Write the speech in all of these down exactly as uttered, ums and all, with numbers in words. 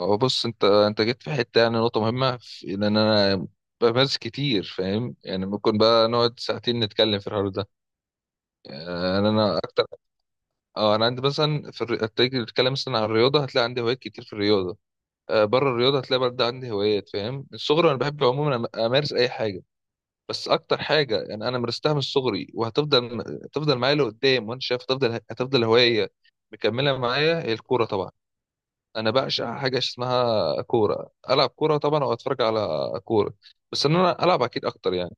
هو بص انت انت جيت في حته، يعني نقطه مهمه في ان انا بمارس كتير فاهم. يعني ممكن بقى نقعد ساعتين نتكلم في الحوار ده. يعني انا اكتر. اه انا عندي مثلا في الر... تيجي تتكلم مثلا عن الرياضه هتلاقي عندي هوايات كتير في الرياضه. آه، بره الرياضه هتلاقي برضه عندي هوايات فاهم، من الصغر انا بحب عموما أم- امارس اي حاجه. بس اكتر حاجه يعني انا مارستها من صغري وهتفضل هتفضل معايا لقدام، وانا شايف هتفضل هتفضل هوايه مكمله معايا، هي الكوره طبعا. انا بعشق حاجه اسمها كوره، العب كوره طبعا او اتفرج على كوره، بس ان انا العب اكيد اكتر يعني.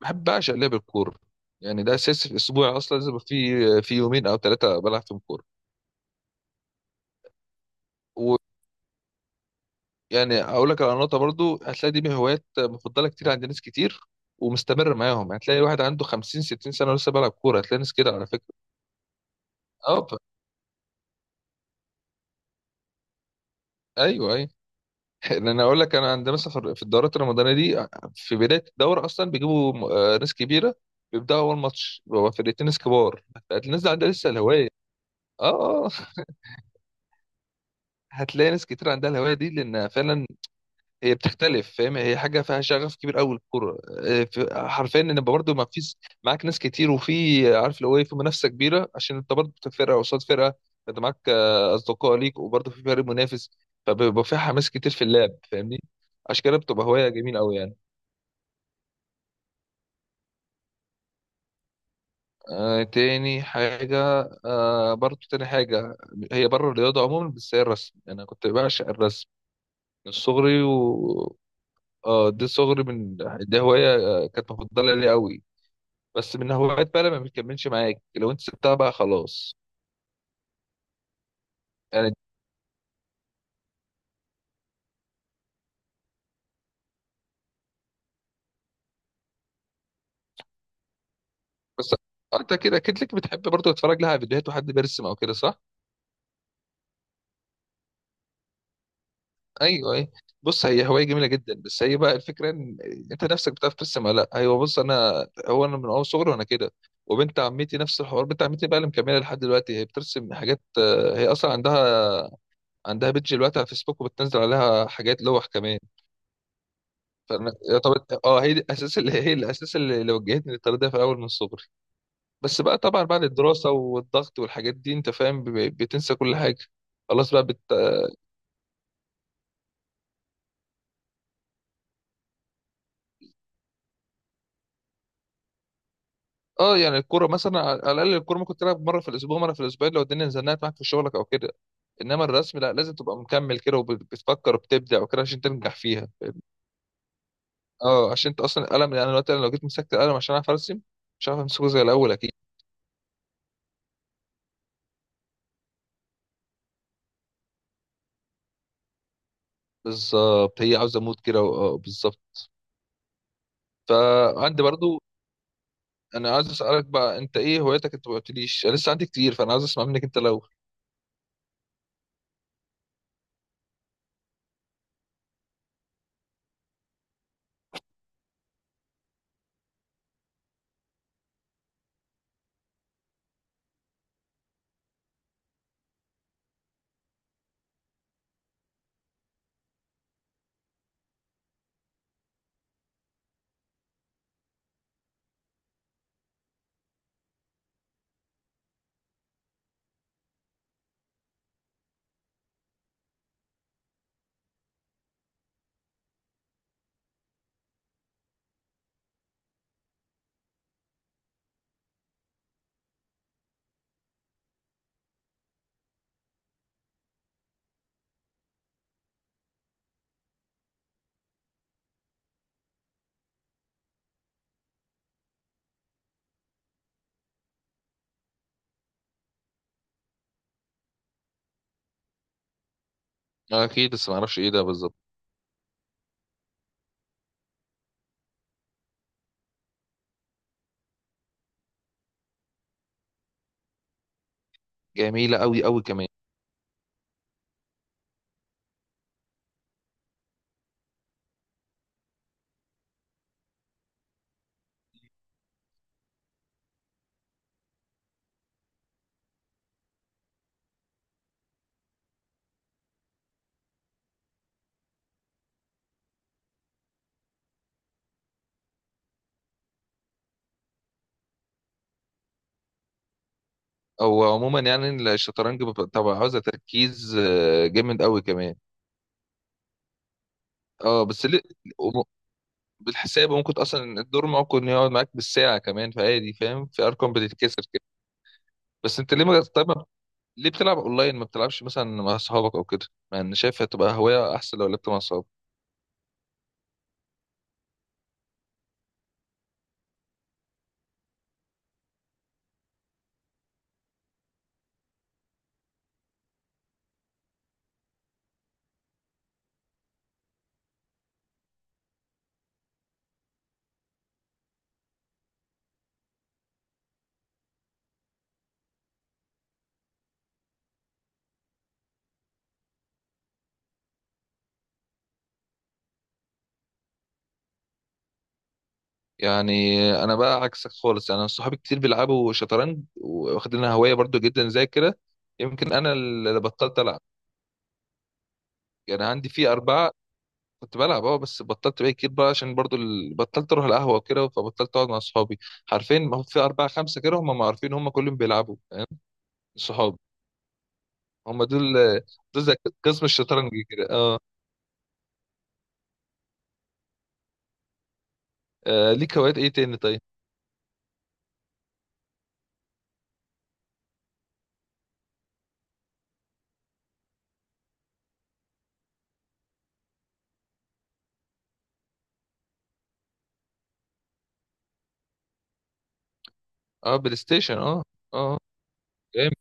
بحب بعشق لعب الكوره. يعني ده اساس في اسبوعي، اصلا لازم يبقى في في يومين او ثلاثه بلعب فيهم كوره. ويعني اقول لك على نقطه برضو، هتلاقي دي من هوايات مفضله كتير عند ناس كتير ومستمر معاهم، هتلاقي واحد عنده خمسين ستين سنه ولسه بيلعب كوره، هتلاقي ناس كده على فكره. اه ف- ايوه ايوه. لان انا اقول لك انا عندنا مثلا في في الدورات الرمضانيه دي، في بدايه الدوره اصلا بيجيبوا م- آه، ناس كبيره، بيبداوا اول ماتش بيبقى فرقتين ناس كبار، هتلاقي الناس دي عندها لسه الهوايه. اه اه هتلاقي ناس كتير عندها الهوايه دي لان فعلا هي بتختلف فاهم، هي حاجه فيها شغف كبير قوي الكوره، آه، في- حرفيا ان يبقى برضه ما فيش معاك ناس كتير، وفي عارف لو ايه في منافسه كبيره عشان انت برضه فرقه قصاد فرقه، انت معاك آه، اصدقاء ليك وبرضه في فريق منافس، فبيبقى فيها حماس كتير في اللعب فاهمني. عشان كده بتبقى هوايه جميله قوي يعني. آه تاني حاجة آه برضو تاني حاجة، هي بره الرياضة عموما، بس هي الرسم، أنا كنت بعشق الرسم من صغري. و آه دي صغري من دي هواية آه، كانت مفضلة لي قوي، بس من هوايات بقى لما بتكملش معاك لو أنت سبتها بقى خلاص. يعني بس آه، أنت كده أكيد لك، بتحب برضو تتفرج لها على فيديوهات وحد بيرسم أو كده، صح؟ ايوه ايوه. بص هي هوايه جميله جدا، بس هي بقى الفكره ان انت نفسك بتعرف ترسم ولا لا. ايوه بص انا هو انا من اول صغري وانا كده، وبنت عمتي نفس الحوار، بنت عمتي بقى اللي مكمله لحد دلوقتي هي بترسم حاجات، آه، هي اصلا عندها عندها بيدج دلوقتي على فيسبوك وبتنزل عليها حاجات لوح كمان. فانا يا طب، اه هي دي الاساس اللي هي الاساس اللي اللي وجهتني للطريق ده في الاول من صغري. بس بقى طبعا بعد الدراسه والضغط والحاجات دي انت فاهم، ب- بتنسى كل حاجه. خلاص بقى بت... اه يعني الكوره مثلا على الاقل، الكوره ممكن تلعب مره في الاسبوع مره في الاسبوعين لو الدنيا زنقت معاك في شغلك او كده. انما الرسم لا، لازم تبقى مكمل كده وبتفكر وبتبدع وكده عشان تنجح فيها. اه عشان انت اصلا القلم، يعني دلوقتي انا لو جيت مسكت القلم عشان اعرف ارسم مش هعرف امسكه زي الاول اكيد. بالظبط، هي عاوزه مود كده و- اه بالظبط. فعندي برضو، انا عايز اسالك بقى، انت ايه هواياتك؟ انت ما قلتليش، انا لسه عندي كتير، فانا عايز اسمع منك انت الاول. اكيد، بس ما اعرفش ايه ده بالظبط. جميله قوي قوي كمان. هو عموما يعني الشطرنج بيبقى طبعا عاوزة تركيز آه، جامد قوي كمان. اه بس ليه وم- بالحساب ممكن اصلا الدور ممكن يقعد معاك بالساعة كمان، فعادي فاهم، في ارقام بتتكسر كده. بس انت ليه ما طيب ما- ليه بتلعب اونلاين، ما بتلعبش مثلا مع اصحابك او كده؟ مع ان شايف هتبقى هواية احسن لو لعبت مع اصحابك. يعني انا بقى عكسك خالص، يعني انا صحابي كتير بيلعبوا شطرنج واخدينها هواية برضو جدا زي كده. يمكن انا اللي بطلت العب. يعني عندي في أربعة كنت بلعب، اه بس بطلت بقى كتير بقى عشان برضو ال... بطلت اروح القهوه وكده، فبطلت اقعد مع اصحابي، عارفين، ما هو في اربعه خمسه كده، هم ما عارفين، هم كلهم بيلعبوا فاهم؟ صحابي، هم دول دول زي قسم الشطرنج كده اه. آه، ليك هوايات ايه تاني طيب؟ اه، بلاي ستيشن، اه. اه جامد.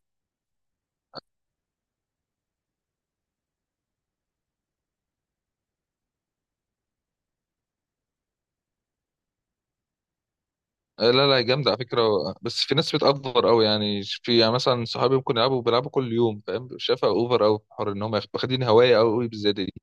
آه، لا لا جامد على فكره، بس في ناس بتأفور قوي يعني، في يعني مثلا صحابي ممكن يلعبوا بيلعبوا كل يوم فاهم، شايفها اوفر قوي، حر ان هم ياخد- واخدين هوايه قوي بالزياده دي.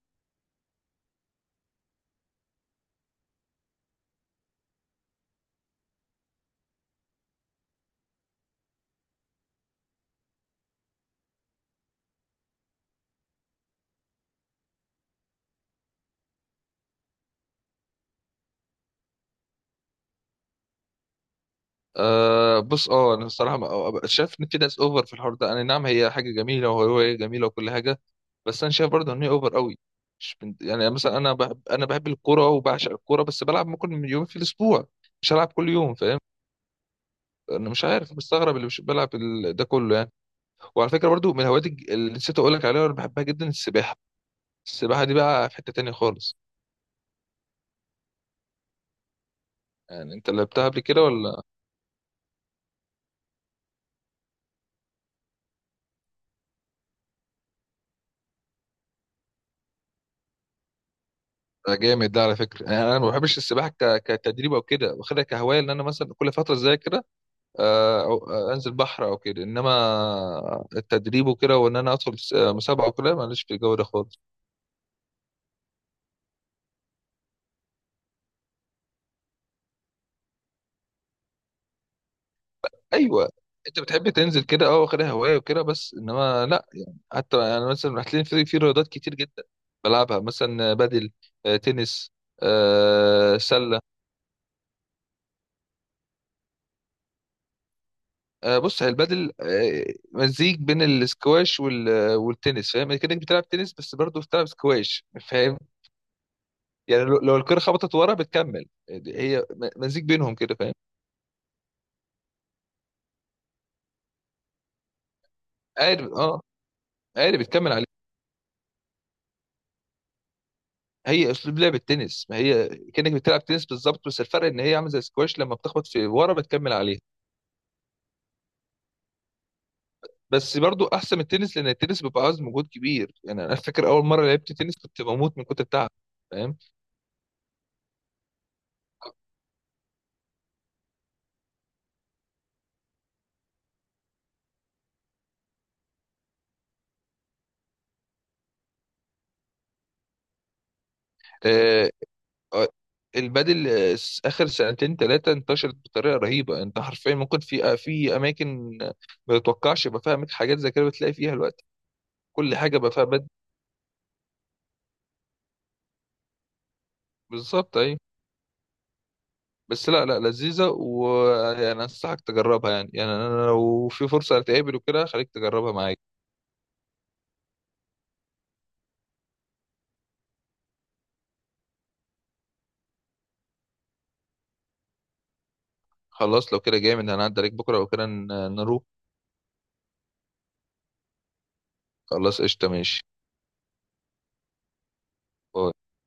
أه بص اه انا الصراحه ما- شايف ان في ناس اوفر في الحوار ده. انا نعم هي حاجه جميله وهوايه جميله وكل حاجه، بس انا شايف برضه ان هي اوفر قوي. مش بنت... يعني مثلا، انا بحب انا بحب الكوره وبعشق الكوره، بس بلعب ممكن يومين في الاسبوع، مش هلعب كل يوم فاهم. انا مش عارف مستغرب اللي مش بلعب ال... ده كله يعني. وعلى فكره برضه من الهوايات الج- اللي نسيت اقول لك عليها وانا بحبها جدا، السباحه. السباحه دي بقى في حته تانية خالص، يعني انت لعبتها قبل كده ولا؟ ده جامد ده على فكرة، يعني انا ما بحبش السباحه ك... كتدريب او كده، واخدها كهوايه ان انا مثلا كل فتره اذاكر، آه، أو- آه، انزل بحر او كده، انما التدريب وكده وان انا ادخل س- آه، مسابقه وكده ماليش في الجو ده خالص. ايوه، انت بتحب تنزل كده اه، واخدها هوايه وكده، بس انما لا، يعني حتى انا مثلا هتلاقي في في رياضات كتير جدا بلعبها مثلا بدل، آه، تنس، آه، سله. آه، بص هي البدل، آه، مزيج بين الاسكواش وال- آه، والتنس، فاهم كده بتلعب تنس بس برضه بتلعب سكواش فاهم. يعني لو لو الكره خبطت ورا بتكمل، يعني هي م- مزيج بينهم كده فاهم. قارب اه قارب بتكمل عليه. هي اسلوب لعب التنس، ما هي كانك بتلعب تنس بالظبط، بس الفرق ان هي عامله زي السكواش لما بتخبط في ورا بتكمل عليها. بس برضو احسن من التنس لان التنس بيبقى عاوز مجهود كبير، يعني انا فاكر اول مره لعبت تنس كنت بموت من كتر التعب فاهم. آه آه، البادل، آه، س- اخر سنتين ثلاثه انتشرت بطريقه رهيبه، انت حرفيا ممكن في آه، في اماكن ما تتوقعش يبقى فيها حاجات زي كده بتلاقي فيها الوقت، كل حاجه بقى فيها بدل. بالظبط ايوه. بس لا لا لذيذة، ويعني أنصحك تجربها، يعني يعني أنا لو في فرصة هتقابل وكده خليك تجربها معايا. خلاص لو كده جامد، هنعدي عليك بكرة لو كده ن- نروح. خلاص قشطة ماشي. باي.